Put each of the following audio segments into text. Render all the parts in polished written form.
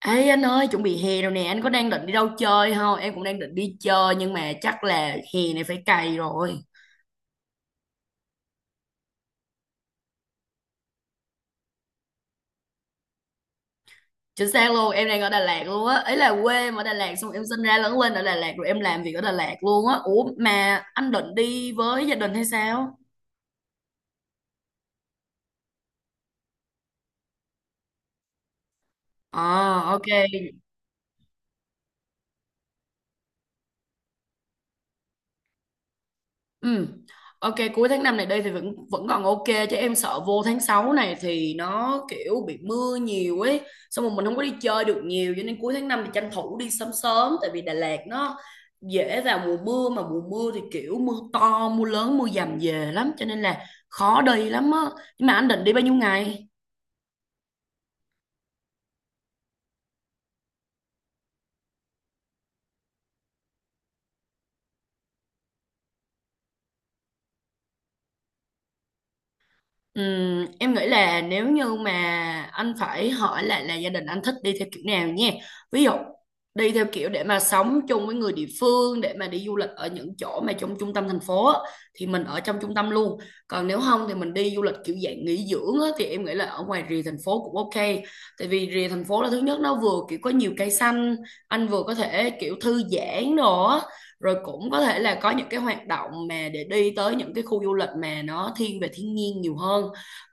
Ê anh ơi, chuẩn bị hè rồi nè, anh có đang định đi đâu chơi không? Em cũng đang định đi chơi nhưng mà chắc là hè này phải cày rồi. Chính xác luôn, em đang ở Đà Lạt luôn á. Ấy là quê em ở Đà Lạt, xong em sinh ra lớn lên ở Đà Lạt rồi em làm việc ở Đà Lạt luôn á. Ủa mà anh định đi với gia đình hay sao? À. Ok. Ừ. Ok, cuối tháng 5 này đây thì vẫn vẫn còn ok, chứ em sợ vô tháng 6 này thì nó kiểu bị mưa nhiều ấy, xong rồi mình không có đi chơi được nhiều, cho nên cuối tháng 5 thì tranh thủ đi sớm sớm, tại vì Đà Lạt nó dễ vào mùa mưa, mà mùa mưa thì kiểu mưa to, mưa lớn, mưa dầm về lắm cho nên là khó đi lắm á. Nhưng mà anh định đi bao nhiêu ngày? Em nghĩ là nếu như mà anh phải hỏi lại là gia đình anh thích đi theo kiểu nào nha. Ví dụ đi theo kiểu để mà sống chung với người địa phương, để mà đi du lịch ở những chỗ mà trong trung tâm thành phố á, thì mình ở trong trung tâm luôn. Còn nếu không thì mình đi du lịch kiểu dạng nghỉ dưỡng á, thì em nghĩ là ở ngoài rìa thành phố cũng ok. Tại vì rìa thành phố là thứ nhất nó vừa kiểu có nhiều cây xanh, anh vừa có thể kiểu thư giãn đồ á, rồi cũng có thể là có những cái hoạt động mà để đi tới những cái khu du lịch mà nó thiên về thiên nhiên nhiều hơn.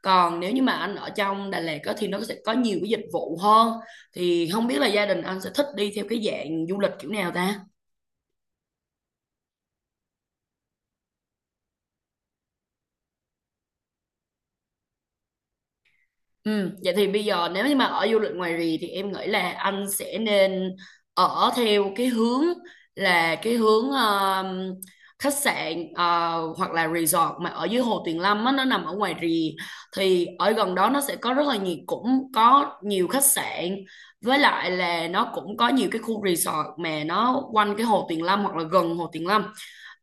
Còn nếu như mà anh ở trong Đà Lạt á, thì nó sẽ có nhiều cái dịch vụ hơn. Thì không biết là gia đình anh sẽ thích đi theo cái dạng du lịch kiểu nào ta? Ừ, vậy thì bây giờ nếu như mà ở du lịch ngoài rì thì em nghĩ là anh sẽ nên ở theo cái hướng khách sạn, hoặc là resort mà ở dưới Hồ Tuyền Lâm á, nó nằm ở ngoài rì. Thì ở gần đó nó sẽ có rất là nhiều, cũng có nhiều khách sạn, với lại là nó cũng có nhiều cái khu resort mà nó quanh cái Hồ Tuyền Lâm hoặc là gần Hồ Tuyền Lâm,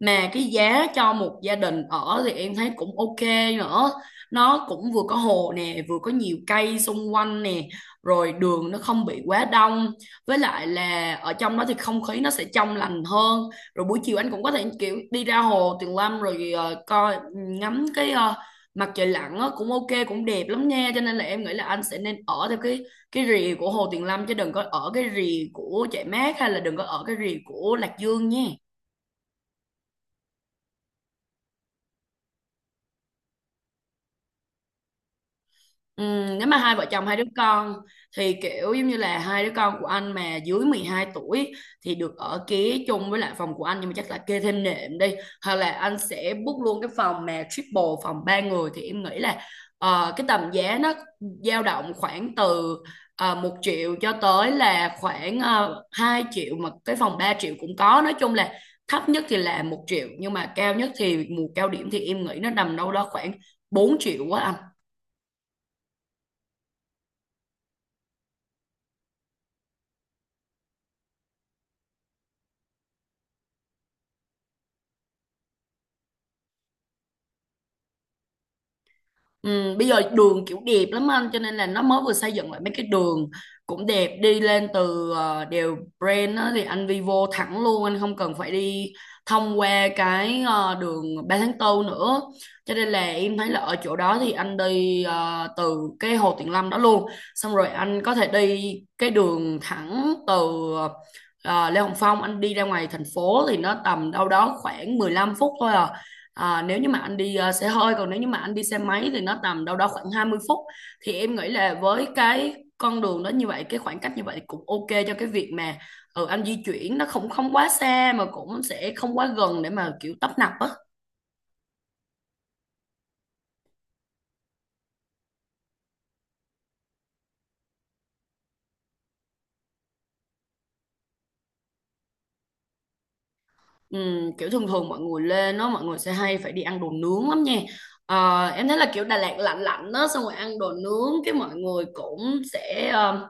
mà cái giá cho một gia đình ở thì em thấy cũng ok nữa. Nó cũng vừa có hồ nè, vừa có nhiều cây xung quanh nè, rồi đường nó không bị quá đông, với lại là ở trong đó thì không khí nó sẽ trong lành hơn. Rồi buổi chiều anh cũng có thể kiểu đi ra hồ Tuyền Lâm rồi coi ngắm cái mặt trời lặn á, cũng ok cũng đẹp lắm nha, cho nên là em nghĩ là anh sẽ nên ở theo cái rìa của Hồ Tuyền Lâm chứ đừng có ở cái rìa của Trại Mát hay là đừng có ở cái rìa của Lạc Dương nha. Ừ, nếu mà hai vợ chồng hai đứa con thì kiểu giống như là hai đứa con của anh mà dưới 12 tuổi thì được ở kia chung với lại phòng của anh, nhưng mà chắc là kê thêm nệm đi, hoặc là anh sẽ book luôn cái phòng mà triple, phòng ba người, thì em nghĩ là cái tầm giá nó dao động khoảng từ 1 triệu cho tới là khoảng 2 triệu, mà cái phòng 3 triệu cũng có. Nói chung là thấp nhất thì là 1 triệu nhưng mà cao nhất thì mùa cao điểm thì em nghĩ nó nằm đâu đó khoảng 4 triệu quá. Ừ, bây giờ đường kiểu đẹp lắm anh, cho nên là nó mới vừa xây dựng lại mấy cái đường cũng đẹp, đi lên từ đèo Bren á, thì anh đi vô thẳng luôn, anh không cần phải đi thông qua cái đường Ba tháng 4 nữa, cho nên là em thấy là ở chỗ đó thì anh đi từ cái Hồ Tuyền Lâm đó luôn, xong rồi anh có thể đi cái đường thẳng từ ờ, Lê Hồng Phong, anh đi ra ngoài thành phố thì nó tầm đâu đó khoảng 15 phút thôi à. À, nếu như mà anh đi xe hơi, còn nếu như mà anh đi xe máy thì nó tầm đâu đó khoảng 20 phút, thì em nghĩ là với cái con đường đó như vậy, cái khoảng cách như vậy cũng ok cho cái việc mà ừ, anh di chuyển nó không không quá xa, mà cũng sẽ không quá gần để mà kiểu tấp nập á. Kiểu thường thường mọi người lên nó, mọi người sẽ hay phải đi ăn đồ nướng lắm nha. Ờ, em thấy là kiểu Đà Lạt lạnh lạnh đó, xong rồi ăn đồ nướng cái mọi người cũng sẽ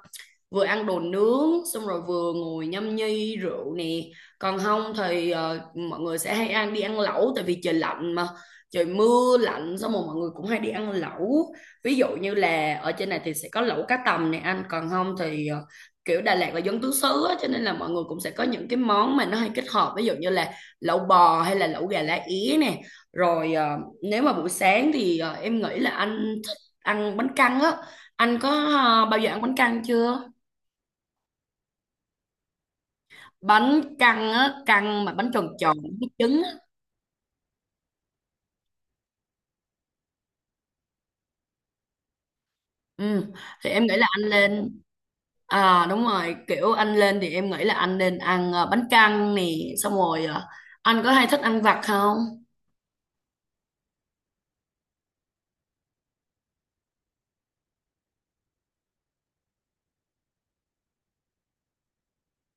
vừa ăn đồ nướng xong rồi vừa ngồi nhâm nhi rượu nè. Còn không thì mọi người sẽ hay đi ăn lẩu, tại vì trời lạnh mà, trời mưa lạnh xong rồi mọi người cũng hay đi ăn lẩu. Ví dụ như là ở trên này thì sẽ có lẩu cá tầm này anh, còn không thì kiểu Đà Lạt là dân tứ xứ á, cho nên là mọi người cũng sẽ có những cái món mà nó hay kết hợp, ví dụ như là lẩu bò hay là lẩu gà lá é nè. Rồi nếu mà buổi sáng thì em nghĩ là anh thích ăn bánh căn á. Anh có bao giờ ăn bánh căn chưa? Bánh căn á, căn mà bánh tròn tròn với trứng á. Ừ, thì em nghĩ là anh lên. À đúng rồi, kiểu anh lên thì em nghĩ là anh nên ăn bánh căn nè, xong rồi anh có hay thích ăn vặt không?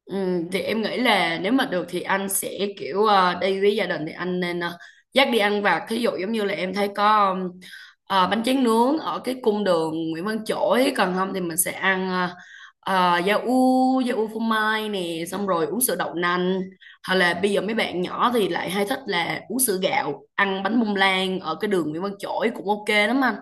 Ừ, thì em nghĩ là nếu mà được thì anh sẽ kiểu đi với gia đình thì anh nên dắt đi ăn vặt, thí dụ giống như là em thấy có bánh tráng nướng ở cái cung đường Nguyễn Văn Chỗi, còn không thì mình sẽ ăn da u phô mai nè, xong rồi uống sữa đậu nành, hoặc là bây giờ mấy bạn nhỏ thì lại hay thích là uống sữa gạo, ăn bánh bông lan ở cái đường Nguyễn Văn Chỗi cũng ok lắm anh.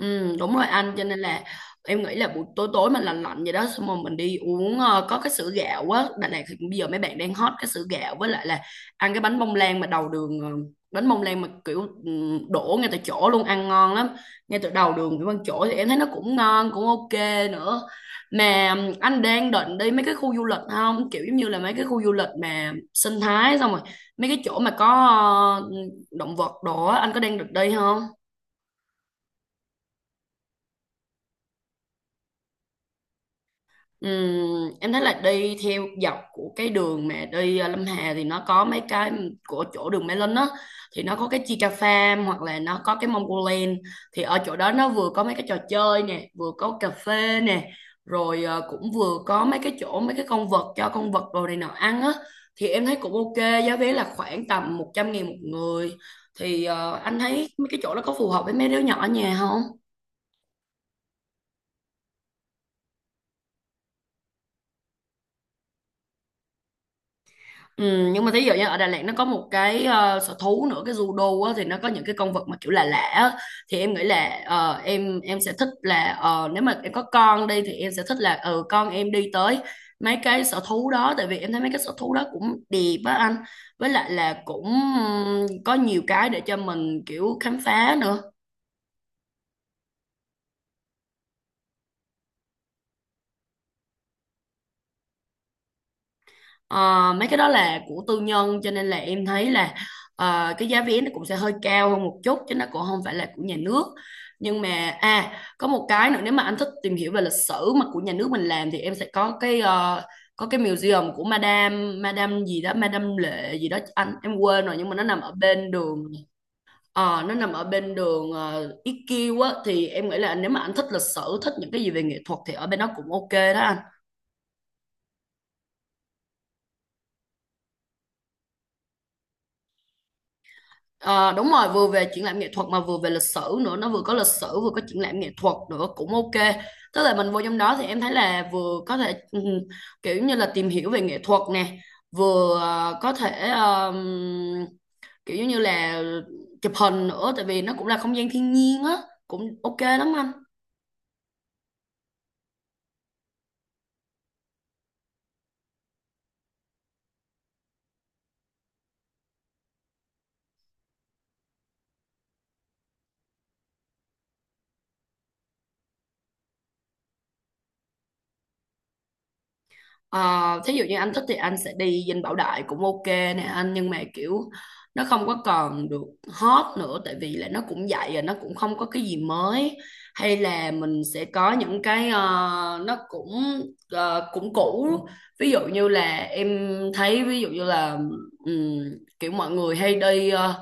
Ừ, đúng rồi anh, cho nên là em nghĩ là buổi tối tối mà lạnh lạnh vậy đó, xong rồi mình đi uống có cái sữa gạo á. Đà Lạt thì bây giờ mấy bạn đang hot cái sữa gạo, với lại là ăn cái bánh bông lan mà đầu đường bánh bông lan mà kiểu đổ ngay tại chỗ luôn ăn ngon lắm, ngay từ đầu đường Nguyễn Văn Chỗi thì em thấy nó cũng ngon cũng ok nữa. Mà ừ, anh đang định đi mấy cái khu du lịch không, kiểu giống như là mấy cái khu du lịch mà sinh thái, xong rồi mấy cái chỗ mà có ờ, động vật đồ á, anh có đang được đi không? Em thấy là đi theo dọc của cái đường mà đi Lâm Hà thì nó có mấy cái của chỗ đường Mê Linh á, thì nó có cái Chica Farm hoặc là nó có cái Mongoland. Thì ở chỗ đó nó vừa có mấy cái trò chơi nè, vừa có cà phê nè, rồi cũng vừa có mấy cái chỗ mấy cái con vật cho con vật đồ này nọ ăn á, thì em thấy cũng ok. Giá vé là khoảng tầm 100.000 một người, thì anh thấy mấy cái chỗ đó có phù hợp với mấy đứa nhỏ ở nhà không? Ừ, nhưng mà thí dụ như ở Đà Lạt nó có một cái sở thú nữa, cái judo á, thì nó có những cái con vật mà kiểu là lạ lạ á. Thì em nghĩ là em sẽ thích là nếu mà em có con đi thì em sẽ thích là ừ con em đi tới mấy cái sở thú đó, tại vì em thấy mấy cái sở thú đó cũng đẹp á anh, với lại là cũng có nhiều cái để cho mình kiểu khám phá nữa. Ờ, mấy cái đó là của tư nhân cho nên là em thấy là cái giá vé nó cũng sẽ hơi cao hơn một chút chứ nó cũng không phải là của nhà nước. Nhưng mà, à, có một cái nữa, nếu mà anh thích tìm hiểu về lịch sử mà của nhà nước mình làm thì em sẽ có cái có cái museum của Madame Madame gì đó, Madame Lệ gì đó anh, em quên rồi, nhưng mà nó nằm ở bên đường nó nằm ở bên đường IQ á, thì em nghĩ là nếu mà anh thích lịch sử, thích những cái gì về nghệ thuật thì ở bên đó cũng ok đó anh. Ờ, đúng rồi, vừa về triển lãm nghệ thuật mà vừa về lịch sử nữa, nó vừa có lịch sử vừa có triển lãm nghệ thuật nữa cũng ok. Tức là mình vô trong đó thì em thấy là vừa có thể kiểu như là tìm hiểu về nghệ thuật nè, vừa có thể kiểu như là chụp hình nữa, tại vì nó cũng là không gian thiên nhiên á, cũng ok lắm anh. Ờ, thí dụ như anh thích thì anh sẽ đi Dinh Bảo Đại cũng ok nè anh, nhưng mà kiểu nó không có còn được hot nữa, tại vì là nó cũng vậy rồi, nó cũng không có cái gì mới, hay là mình sẽ có những cái nó cũng cũng cũ. Ví dụ như là em thấy, ví dụ như là ừm, kiểu mọi người hay đi ờ,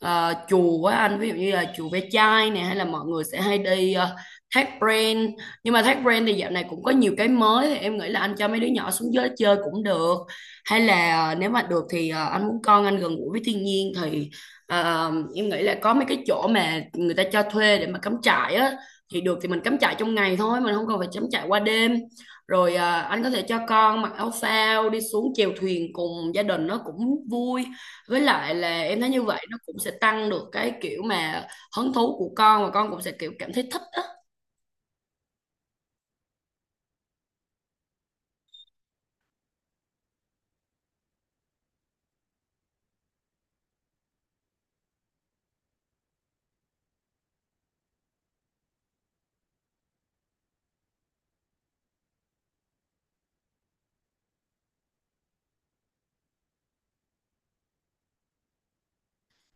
ờ, chùa á anh, ví dụ như là chùa Ve Chai nè, hay là mọi người sẽ hay đi Thác Pren, nhưng mà Thác Brand thì dạo này cũng có nhiều cái mới, thì em nghĩ là anh cho mấy đứa nhỏ xuống dưới chơi cũng được, hay là nếu mà được thì anh muốn con anh gần gũi với thiên nhiên thì em nghĩ là có mấy cái chỗ mà người ta cho thuê để mà cắm trại á, thì được thì mình cắm trại trong ngày thôi, mình không cần phải cắm trại qua đêm. Rồi anh có thể cho con mặc áo phao đi xuống chèo thuyền cùng gia đình, nó cũng vui, với lại là em thấy như vậy nó cũng sẽ tăng được cái kiểu mà hứng thú của con, và con cũng sẽ kiểu cảm thấy thích á.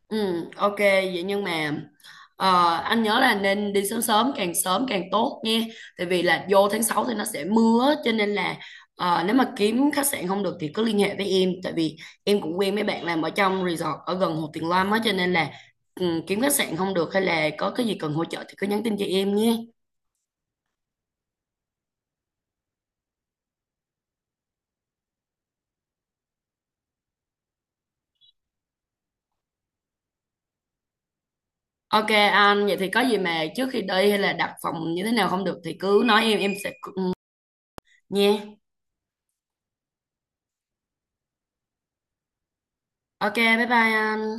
Ừ, ok, vậy nhưng mà anh nhớ là nên đi sớm sớm càng tốt nha. Tại vì là vô tháng 6 thì nó sẽ mưa, cho nên là nếu mà kiếm khách sạn không được thì cứ liên hệ với em. Tại vì em cũng quen mấy bạn làm ở trong resort ở gần Hồ Tuyền Lâm á, cho nên là ừ, kiếm khách sạn không được hay là có cái gì cần hỗ trợ thì cứ nhắn tin cho em nhé. Ok anh, vậy thì có gì mà trước khi đi hay là đặt phòng như thế nào không được thì cứ nói em sẽ... Ừ, nha. Ok, bye bye anh.